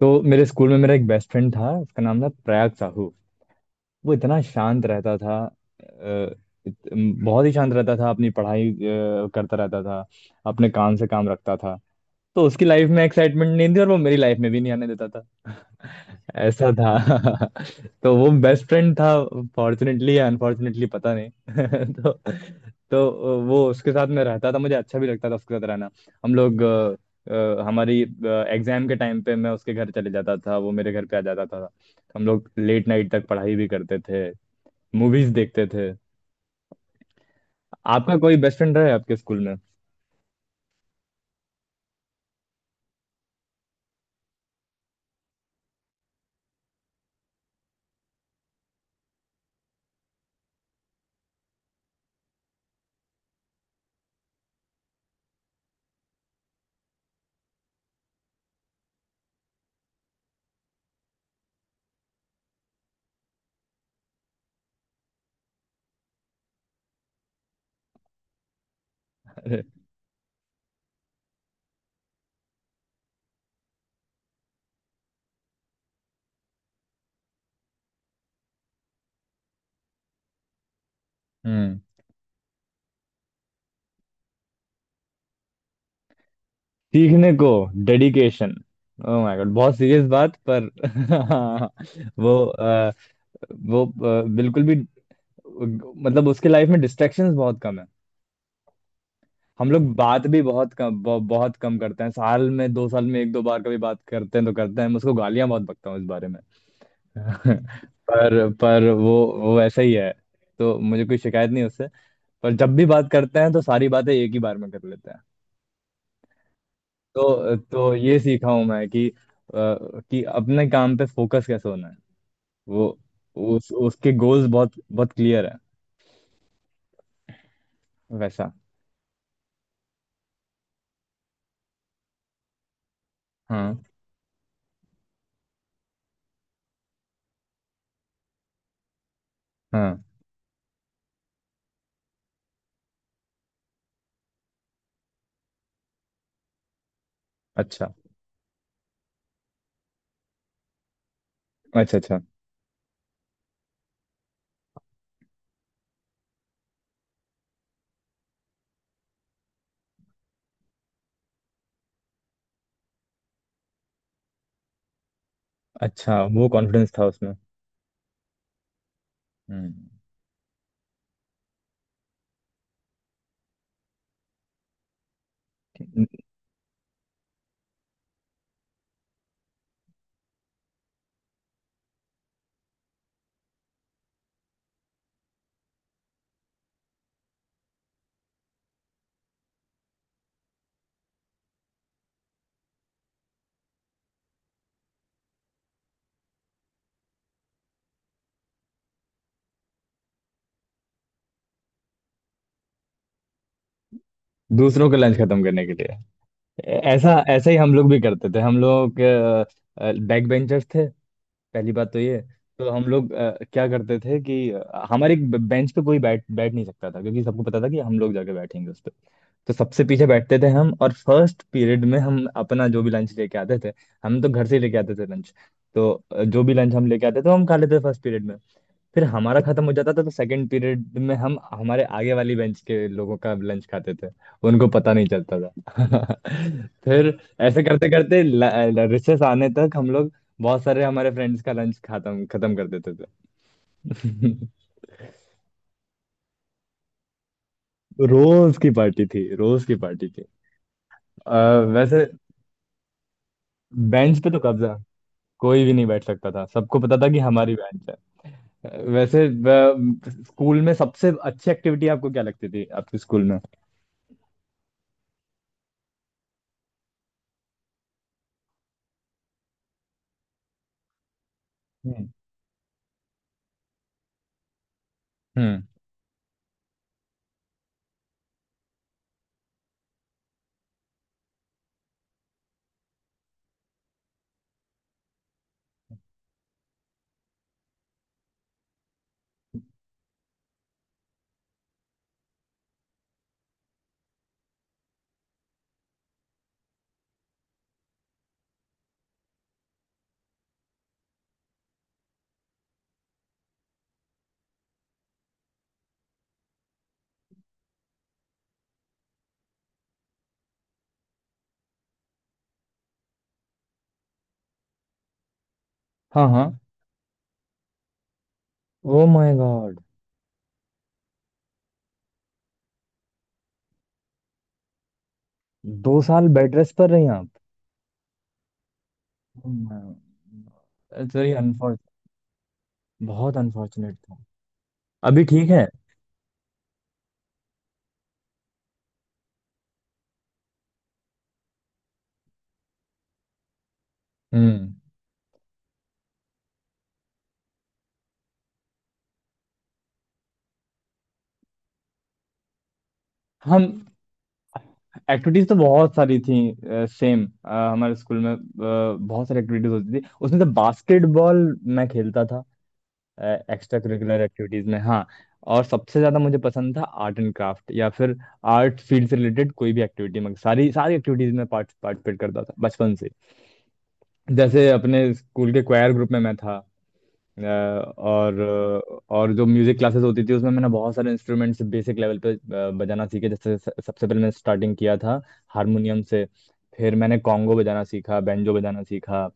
तो मेरे स्कूल में मेरा एक बेस्ट फ्रेंड था, उसका नाम था प्रयाग साहू। वो इतना शांत रहता था। अ, इत- बहुत ही शांत रहता था। अपनी पढ़ाई करता रहता था। अपने काम से काम रखता था। तो उसकी लाइफ में एक्साइटमेंट नहीं थी और वो मेरी लाइफ में भी नहीं आने देता था। ऐसा था। तो वो बेस्ट फ्रेंड था। फॉर्चुनेटली या अनफॉर्चुनेटली पता नहीं। तो तो वो, उसके साथ मैं रहता था, मुझे अच्छा भी लगता था उसके साथ रहना। हम लोग हमारी एग्जाम के टाइम पे मैं उसके घर चले जाता था, वो मेरे घर पे आ जाता था, तो हम लोग लेट नाइट तक पढ़ाई भी करते थे, मूवीज देखते थे। आपका कोई बेस्ट फ्रेंड रहा है आपके स्कूल में? अरे, सीखने को डेडिकेशन। ओह माय गॉड, बहुत सीरियस बात पर। वो वो बिल्कुल भी, मतलब उसके लाइफ में डिस्ट्रैक्शंस बहुत कम है। हम लोग बात भी बहुत कम बहुत कम करते हैं। साल में, दो साल में एक दो बार कभी बात करते हैं तो करते हैं। मैं उसको गालियां बहुत बकता हूँ इस बारे में। पर वो वैसा ही है, तो मुझे कोई शिकायत नहीं उससे। पर जब भी बात करते हैं तो सारी बातें एक ही बार में कर लेते हैं। तो ये सीखा हूं मैं कि कि अपने काम पे फोकस कैसे होना है। वो, उस उसके गोल्स बहुत बहुत क्लियर है, वैसा। हाँ हाँ। अच्छा अच्छा। अच्छा, अच्छा वो कॉन्फिडेंस था उसमें। हम्म। दूसरों का लंच खत्म करने के लिए। ऐसा, ऐसा ही हम लोग भी करते थे। हम लोग बैक बेंचर्स थे, पहली बात तो ये है। तो हम लोग क्या करते थे कि हमारे एक बेंच पे कोई बैठ बैठ नहीं सकता था, क्योंकि सबको पता था कि हम लोग जाके बैठेंगे उस पे। तो सबसे पीछे बैठते थे हम, और फर्स्ट पीरियड में हम अपना जो भी लंच लेके आते थे, हम तो घर से ही लेके आते थे लंच, तो जो भी लंच हम लेके आते थे वो हम खा लेते थे फर्स्ट पीरियड में। फिर हमारा खत्म हो जाता था तो सेकंड पीरियड में हम हमारे आगे वाली बेंच के लोगों का लंच खाते थे, उनको पता नहीं चलता था। फिर ऐसे करते करते रिसेस आने तक हम लोग बहुत सारे हमारे फ्रेंड्स का लंच खत्म खत्म कर देते थे। रोज की पार्टी थी, रोज की पार्टी थी। अ, वैसे बेंच पे तो कब्जा, कोई भी नहीं बैठ सकता था, सबको पता था कि हमारी बेंच है। वैसे स्कूल में सबसे अच्छी एक्टिविटी आपको क्या लगती थी आपके स्कूल में? हम्म। हम्म। हाँ हाँ। Oh my god. दो साल बेड रेस्ट पर रही आप? इट्स वेरी अनफॉर्चुनेट, बहुत अनफॉर्चुनेट था। अभी ठीक है? हम्म। हम, एक्टिविटीज तो बहुत सारी थी। सेम हमारे स्कूल में बहुत सारी एक्टिविटीज होती थी, उसमें से बास्केटबॉल मैं खेलता था एक्स्ट्रा करिकुलर एक्टिविटीज में। हाँ। और सबसे ज्यादा मुझे पसंद था आर्ट एंड क्राफ्ट, या फिर आर्ट फील्ड से रिलेटेड कोई भी एक्टिविटी, में सारी सारी एक्टिविटीज में पार्टिसिपेट करता था बचपन से। जैसे अपने स्कूल के क्वायर ग्रुप में मैं था, अ, और और जो म्यूजिक क्लासेस होती थी उसमें मैंने बहुत सारे इंस्ट्रूमेंट्स बेसिक लेवल पे बजाना सीखे। जैसे सबसे पहले मैंने स्टार्टिंग किया था हारमोनियम से, फिर मैंने कॉन्गो बजाना सीखा, बैंजो बजाना सीखा,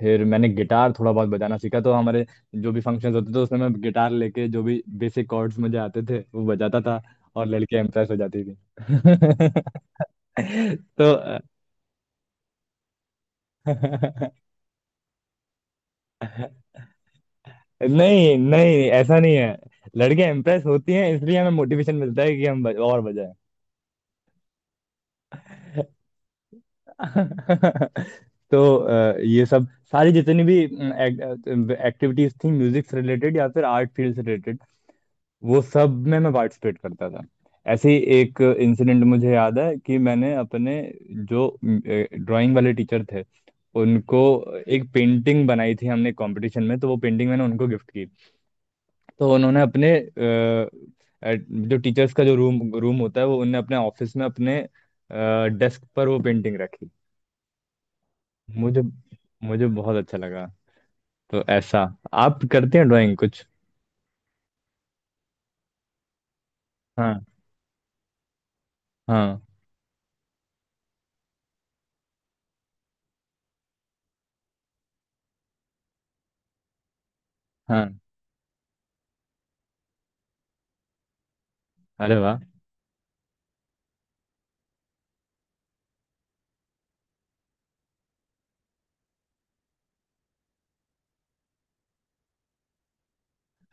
फिर मैंने गिटार थोड़ा बहुत बजाना सीखा। तो हमारे जो भी फंक्शंस होते थे उसमें मैं गिटार लेके जो भी बेसिक कॉर्ड्स मुझे आते थे वो बजाता था, और लड़कियां इम्प्रेस हो जाती थी। तो नहीं नहीं, ऐसा नहीं है। लड़कियां इंप्रेस होती हैं इसलिए हमें मोटिवेशन मिलता है कि हम और बजाएं। तो ये सब, सारी जितनी भी एक्टिविटीज थी म्यूजिक से रिलेटेड या फिर आर्ट फील्ड से रिलेटेड, वो सब में मैं पार्टिसिपेट करता था। ऐसे ही एक इंसिडेंट मुझे याद है कि मैंने अपने जो ड्राइंग वाले टीचर थे उनको एक पेंटिंग बनाई थी, हमने कंपटीशन में, तो वो पेंटिंग मैंने उनको गिफ्ट की। तो उन्होंने अपने जो टीचर्स का जो रूम रूम होता है, वो उन्होंने अपने ऑफिस में, अपने डेस्क पर वो पेंटिंग रखी। मुझे मुझे बहुत अच्छा लगा। तो ऐसा। आप करते हैं ड्राइंग कुछ? हाँ हाँ। हाँ। अरे वाह।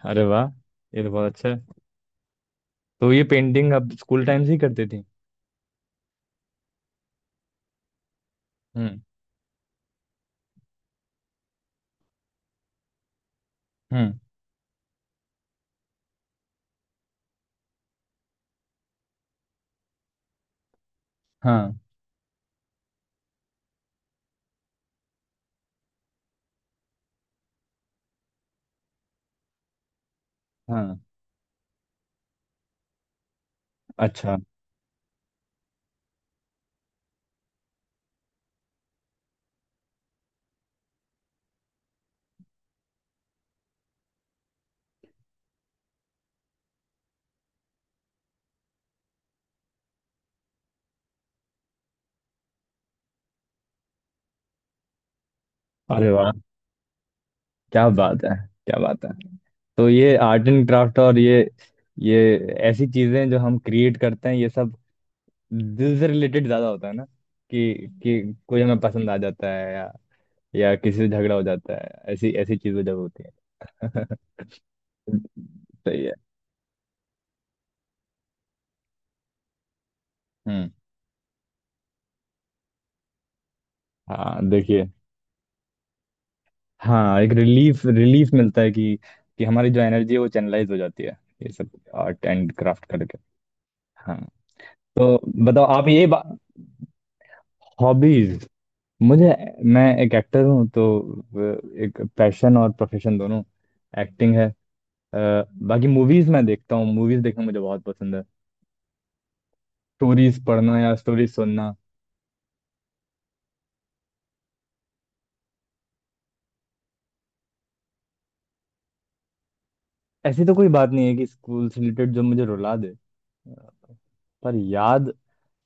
अरे वाह, ये तो बहुत अच्छा है। तो ये पेंटिंग आप स्कूल टाइम से ही करते थे? हम्म। हम्म। हाँ हाँ। अच्छा। अरे वाह, क्या बात है, क्या बात है। तो ये आर्ट एंड क्राफ्ट, और ये ऐसी चीजें जो हम क्रिएट करते हैं ये सब दिल से रिलेटेड ज्यादा होता है ना? कि कि कोई हमें पसंद आ जाता है, या किसी से झगड़ा हो जाता है, ऐसी ऐसी चीजें जब होती है। सही है। हम्म। हाँ देखिए। हाँ, एक रिलीफ रिलीफ मिलता है कि हमारी जो एनर्जी है वो चैनलाइज हो जाती है, ये सब आर्ट एंड क्राफ्ट करके। हाँ। तो बताओ आप ये बा... हॉबीज, मुझे, मैं एक एक्टर हूँ तो एक पैशन और प्रोफेशन दोनों एक्टिंग है। अ, बाकी मूवीज मैं देखता हूँ, मूवीज देखना मुझे बहुत पसंद है, स्टोरीज पढ़ना या स्टोरीज सुनना। ऐसी तो कोई बात नहीं है कि स्कूल से रिलेटेड जो मुझे रुला दे, पर याद,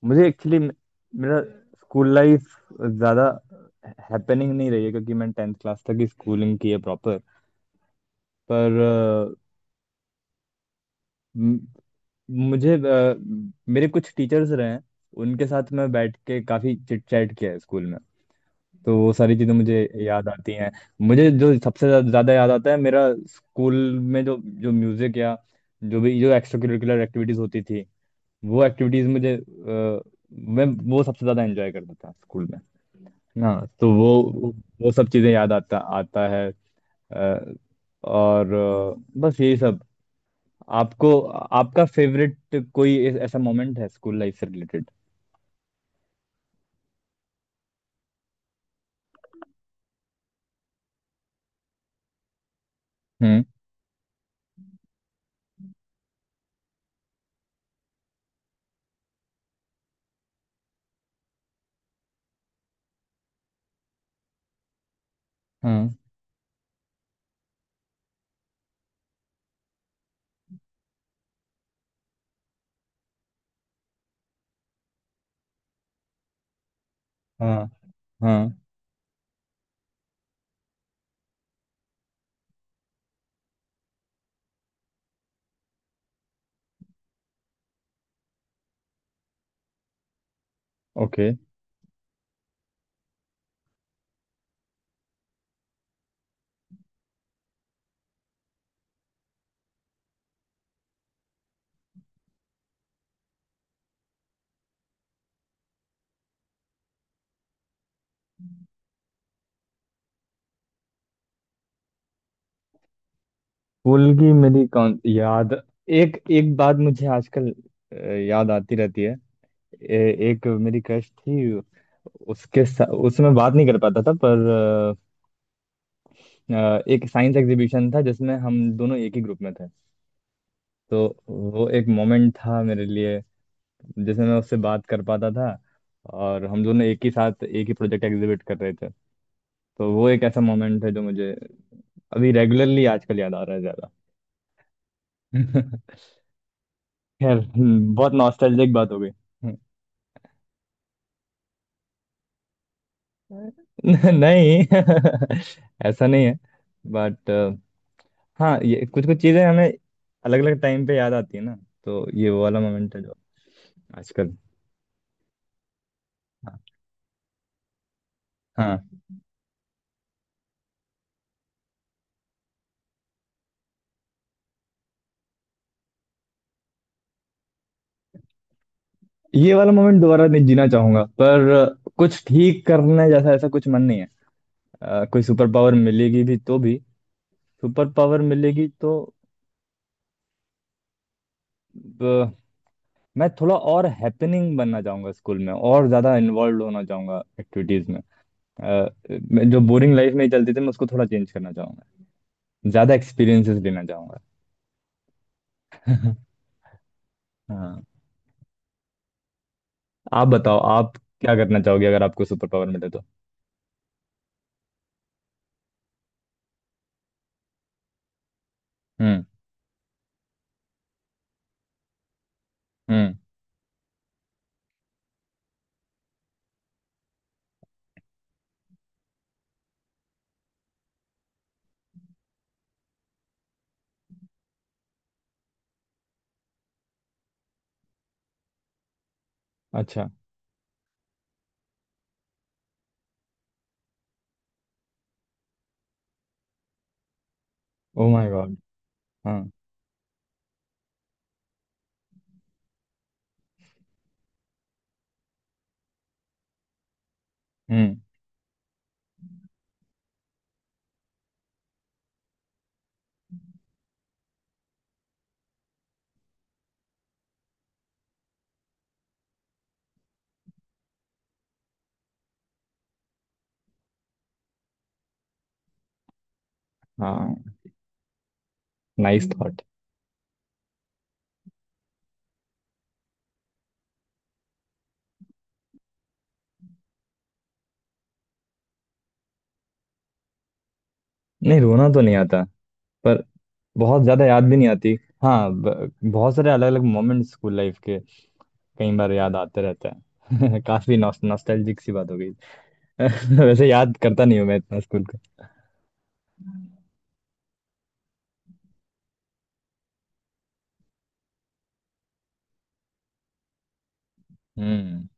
मुझे एक्चुअली मेरा स्कूल लाइफ ज्यादा हैपनिंग नहीं रही है क्योंकि मैंने टेंथ क्लास तक ही स्कूलिंग की है प्रॉपर। पर म- मुझे मेरे कुछ टीचर्स रहे हैं, उनके साथ मैं बैठ के काफी चिट चैट किया है स्कूल में, तो वो सारी चीज़ें मुझे याद आती हैं। मुझे जो ज़्यादा याद आता है, मेरा स्कूल में जो, जो म्यूज़िक या जो भी जो एक्स्ट्रा करिकुलर एक्टिविटीज़ होती थी, वो एक्टिविटीज़ मुझे मैं वो सबसे ज़्यादा एंजॉय करता था स्कूल में ना। तो वो सब चीज़ें याद आता आता है अ, और बस यही सब। आपको, आपका फेवरेट कोई ऐसा मोमेंट है स्कूल लाइफ से रिलेटेड? हम्म। हाँ हाँ। हाँ। ओके। स्कूल की मेरी कौन याद, एक एक बात मुझे आजकल अ, याद आती रहती है। एक मेरी क्रश थी, उसमें बात नहीं कर पाता था, पर एक साइंस एग्जीबिशन था जिसमें हम दोनों एक ही ग्रुप में थे, तो वो एक मोमेंट था मेरे लिए जिसमें मैं उससे बात कर पाता था, और हम दोनों एक ही साथ एक ही प्रोजेक्ट एग्जीबिट कर रहे थे। तो वो एक ऐसा मोमेंट है जो मुझे अभी रेगुलरली आजकल याद आ रहा है ज्यादा। खैर, बहुत नॉस्टैल्जिक बात हो गई। नहीं, ऐसा नहीं है। बट हाँ, ये कुछ कुछ चीजें हमें अलग अलग टाइम पे याद आती है ना। तो ये वो वाला मोमेंट है जो आजकल। हाँ। हाँ। ये वाला मोमेंट दोबारा नहीं जीना चाहूंगा, पर कुछ ठीक करने जैसा ऐसा कुछ मन नहीं है। कोई सुपर पावर मिलेगी भी तो भी, सुपर पावर मिलेगी तो अ, मैं थोड़ा और हैपनिंग बनना चाहूंगा स्कूल में, और ज्यादा इन्वॉल्व होना चाहूंगा एक्टिविटीज में। अ, जो बोरिंग लाइफ में चलती थी मैं उसको थोड़ा चेंज करना, ज्यादा एक्सपीरियंसेस लेना चाहूंगा। हाँ। आप बताओ, आप क्या करना चाहोगे अगर आपको सुपर पावर मिले तो? हम्म। हम्म। अच्छा। Oh my god. हाँ। हम्म। हाँ, नाइस थॉट। नहीं, रोना तो नहीं आता, पर बहुत ज्यादा याद भी नहीं आती। हाँ, बहुत सारे अलग अलग मोमेंट स्कूल लाइफ के कई बार याद आते रहते हैं। काफी नॉस्टैल्जिक सी बात हो गई। वैसे याद करता नहीं हूँ मैं इतना स्कूल का। हम्म।